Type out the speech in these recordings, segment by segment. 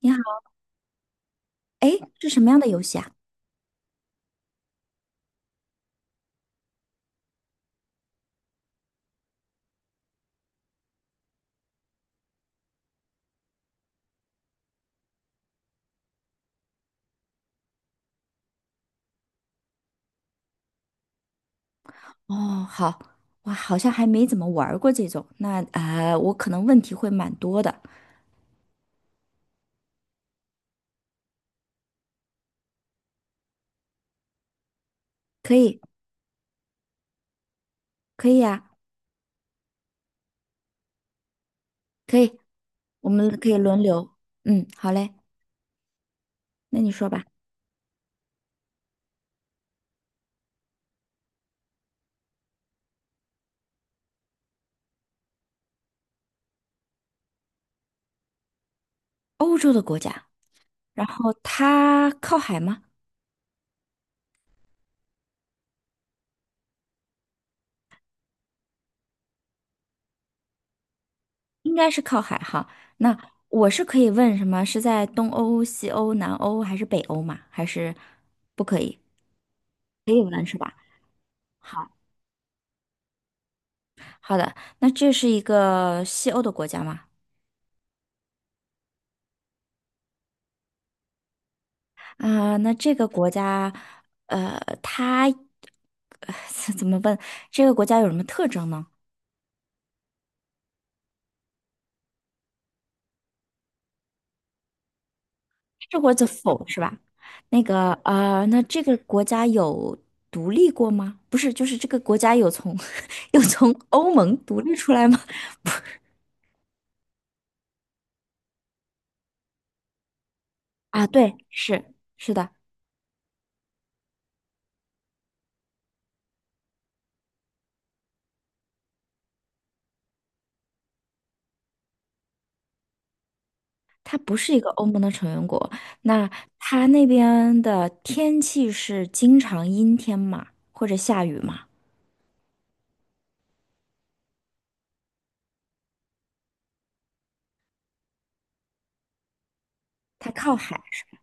你好，哎，是什么样的游戏啊？哦，好，我好像还没怎么玩儿过这种，我可能问题会蛮多的。可以，可以呀、可以，我们可以轮流。嗯，好嘞，那你说吧。欧洲的国家，然后它靠海吗？应该是靠海哈。那我是可以问什么？是在东欧、西欧、南欧还是北欧吗？还是不可以？可以问是吧？好，好的，那这是一个西欧的国家吗？啊，那这个国家，它呃 怎么问？这个国家有什么特征呢？这或者否是吧？那这个国家有独立过吗？不是，就是这个国家有从 有从欧盟独立出来吗？啊，对，是的，它不是一个欧盟的成员国。那它那边的天气是经常阴天嘛，或者下雨嘛？它靠海，是吧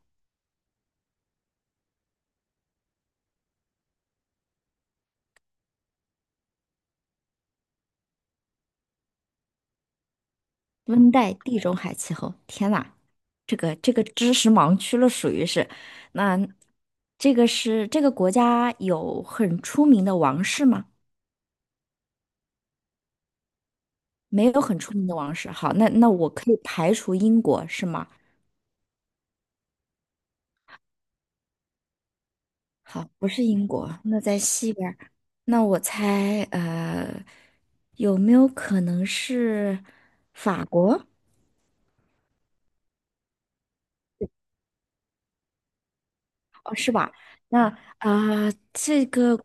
温带地中海气候。天呐！这个这个知识盲区了，属于是。那这个是这个国家有很出名的王室吗？没有很出名的王室。好，那那我可以排除英国是吗？好，不是英国，那在西边儿。那我猜，呃，有没有可能是法国？那啊、这个。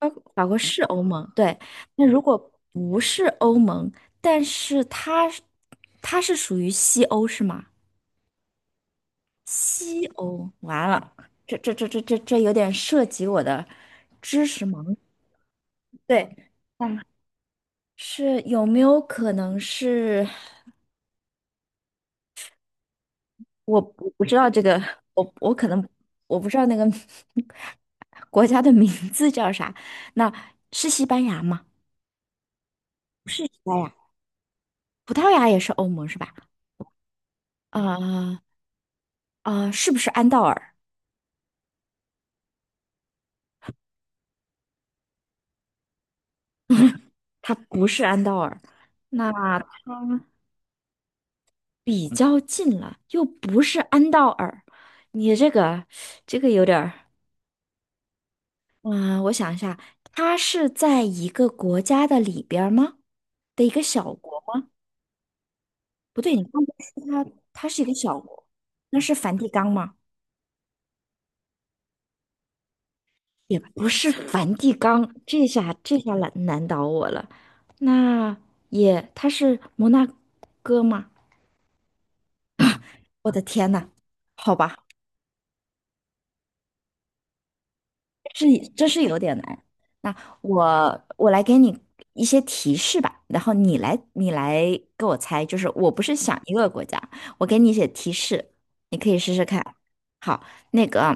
法法国是欧盟，对。那如果不是欧盟，但是它是它是属于西欧是吗？西欧，完了，这这这这这这有点涉及我的知识盲区。对，嗯，是有没有可能是我不不知道这个，我我可能我不知道那个 国家的名字叫啥？那是西班牙吗？不是西班牙，葡萄牙也是欧盟是吧？啊、啊，是不是安道尔？它不是安道尔，那比较近了，又不是安道尔。你这个，这个有点儿，嗯、我想一下，它是在一个国家的里边儿吗？的一个小国？不对，你刚才说它，它是一个小国，那是梵蒂冈吗？也不是梵蒂冈，这下这下难难倒我了。那也，它是摩纳哥吗？我的天呐，好吧。是，这是有点难。那我我来给你一些提示吧，然后你来你来给我猜，就是我不是想一个国家，我给你一些提示，你可以试试看。好，那个，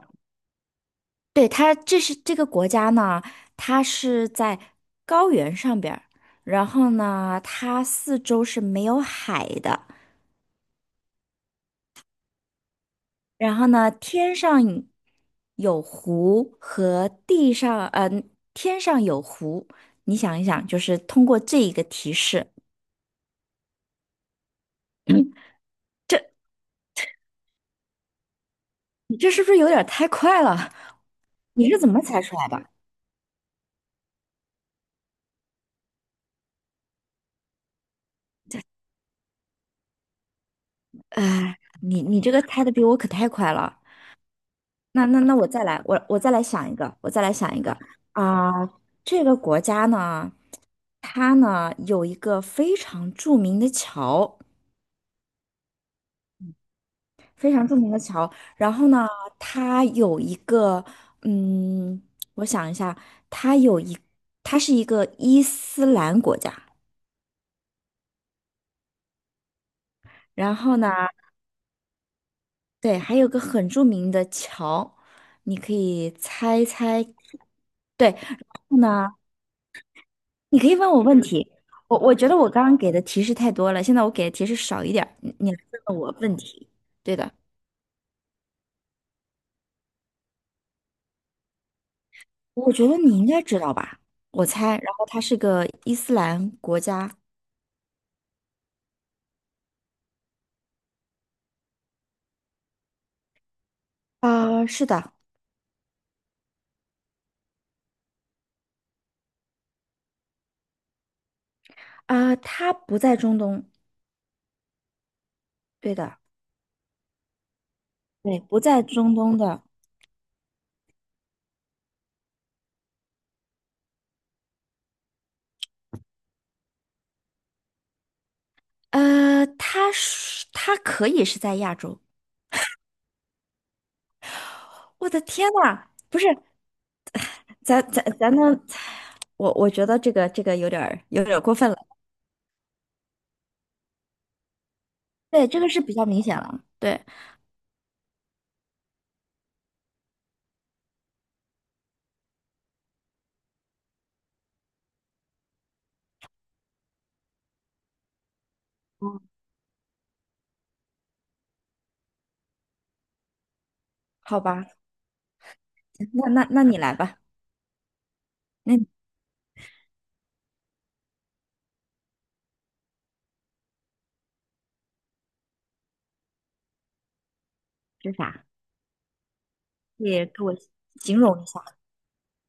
对，它这是这个国家呢，它是在高原上边儿然后呢，它四周是没有海的，然后呢，天上有湖和地上，天上有湖，你想一想，就是通过这一个提示 嗯这你这是不是有点儿太快了？你是怎么猜出来的？哎，你你这个猜的比我可太快了。那那那我再来，我我再来想一个，我再来想一个啊、这个国家呢，它呢有一个非常著名的桥。非常著名的桥。然后呢，它有一个，嗯，我想一下，它有一，它是一个伊斯兰国家。然后呢，对，还有个很著名的桥，你可以猜猜。对，然后呢，你可以问我问题。我我觉得我刚刚给的提示太多了，现在我给的提示少一点儿，你你来问我问题。对的，我觉得你应该知道吧，我猜。然后它是个伊斯兰国家。啊、是的。啊，他不在中东，对的，对，不在中东的，他是他可以是在亚洲。我的天呐，不是，咱咱咱的，我我觉得这个这个有点儿有点儿过分了。对，这个是比较明显了。对，好吧，那那那你来吧，那你是啥？你给我形容一下。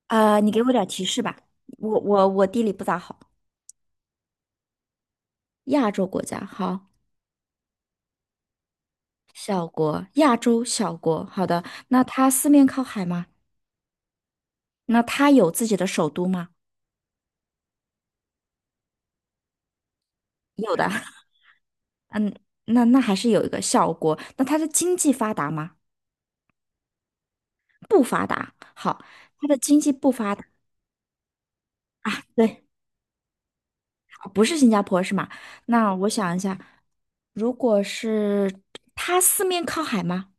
啊，你给我点儿提示吧。我我我地理不咋好，亚洲国家，好，小国，亚洲小国。好的，那它四面靠海吗？那它有自己的首都吗？有的，那那还是有一个小国。那它的经济发达吗？不发，好，它的经济不发达，对，不是新加坡是吗？那我想一下，如果是它四面靠海吗？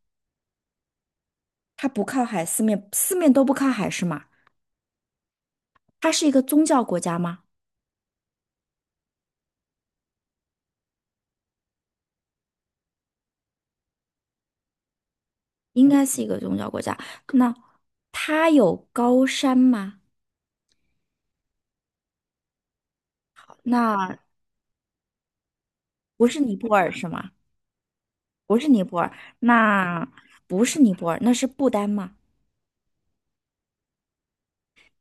它不靠海，四面都不靠海是吗？它是一个宗教国家吗？应该是一个宗教国家。那它有高山吗？那不是尼泊尔是吗？不是尼泊尔，那不是尼泊尔，那是不丹吗？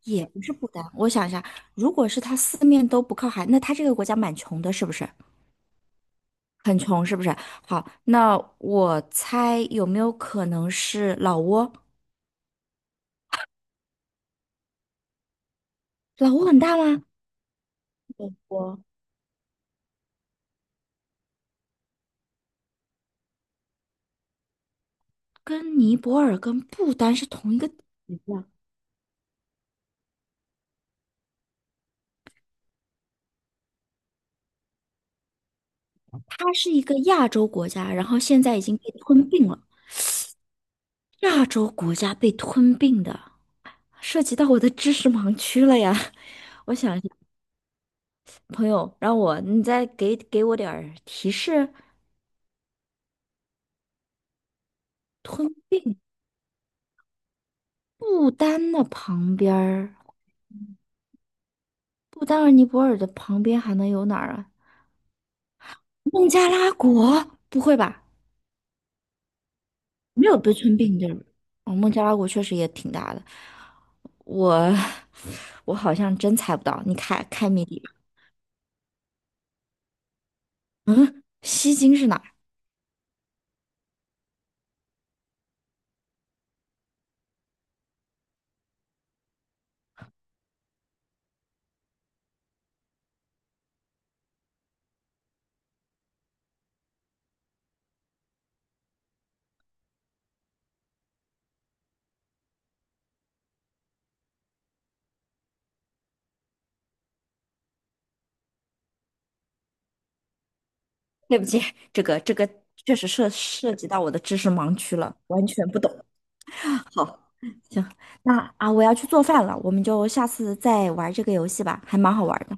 也不是不丹。我想一下，如果是它四面都不靠海，那它这个国家蛮穷的，是不是？很穷，是不是？好，那我猜有没有可能是老挝？老挝很大吗？我跟尼泊尔跟不丹是同一个国家，它是一个亚洲国家，然后现在已经被吞并了。亚洲国家被吞并的，涉及到我的知识盲区了呀。我想。朋友，让我你再给给我点儿提示。吞并不丹的旁边儿，不丹和尼泊尔的旁边还能有哪儿啊？孟加拉国？不会吧？没有被吞并地儿。哦，孟加拉国确实也挺大的。我 我好像真猜不到，你开开谜底吧。西京是哪儿？对不起，这个这个确实涉涉及到我的知识盲区了，完全不懂。好，行，那啊，我要去做饭了，我们就下次再玩这个游戏吧，还蛮好玩的。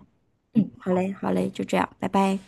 嗯，好嘞，好嘞，就这样，拜拜。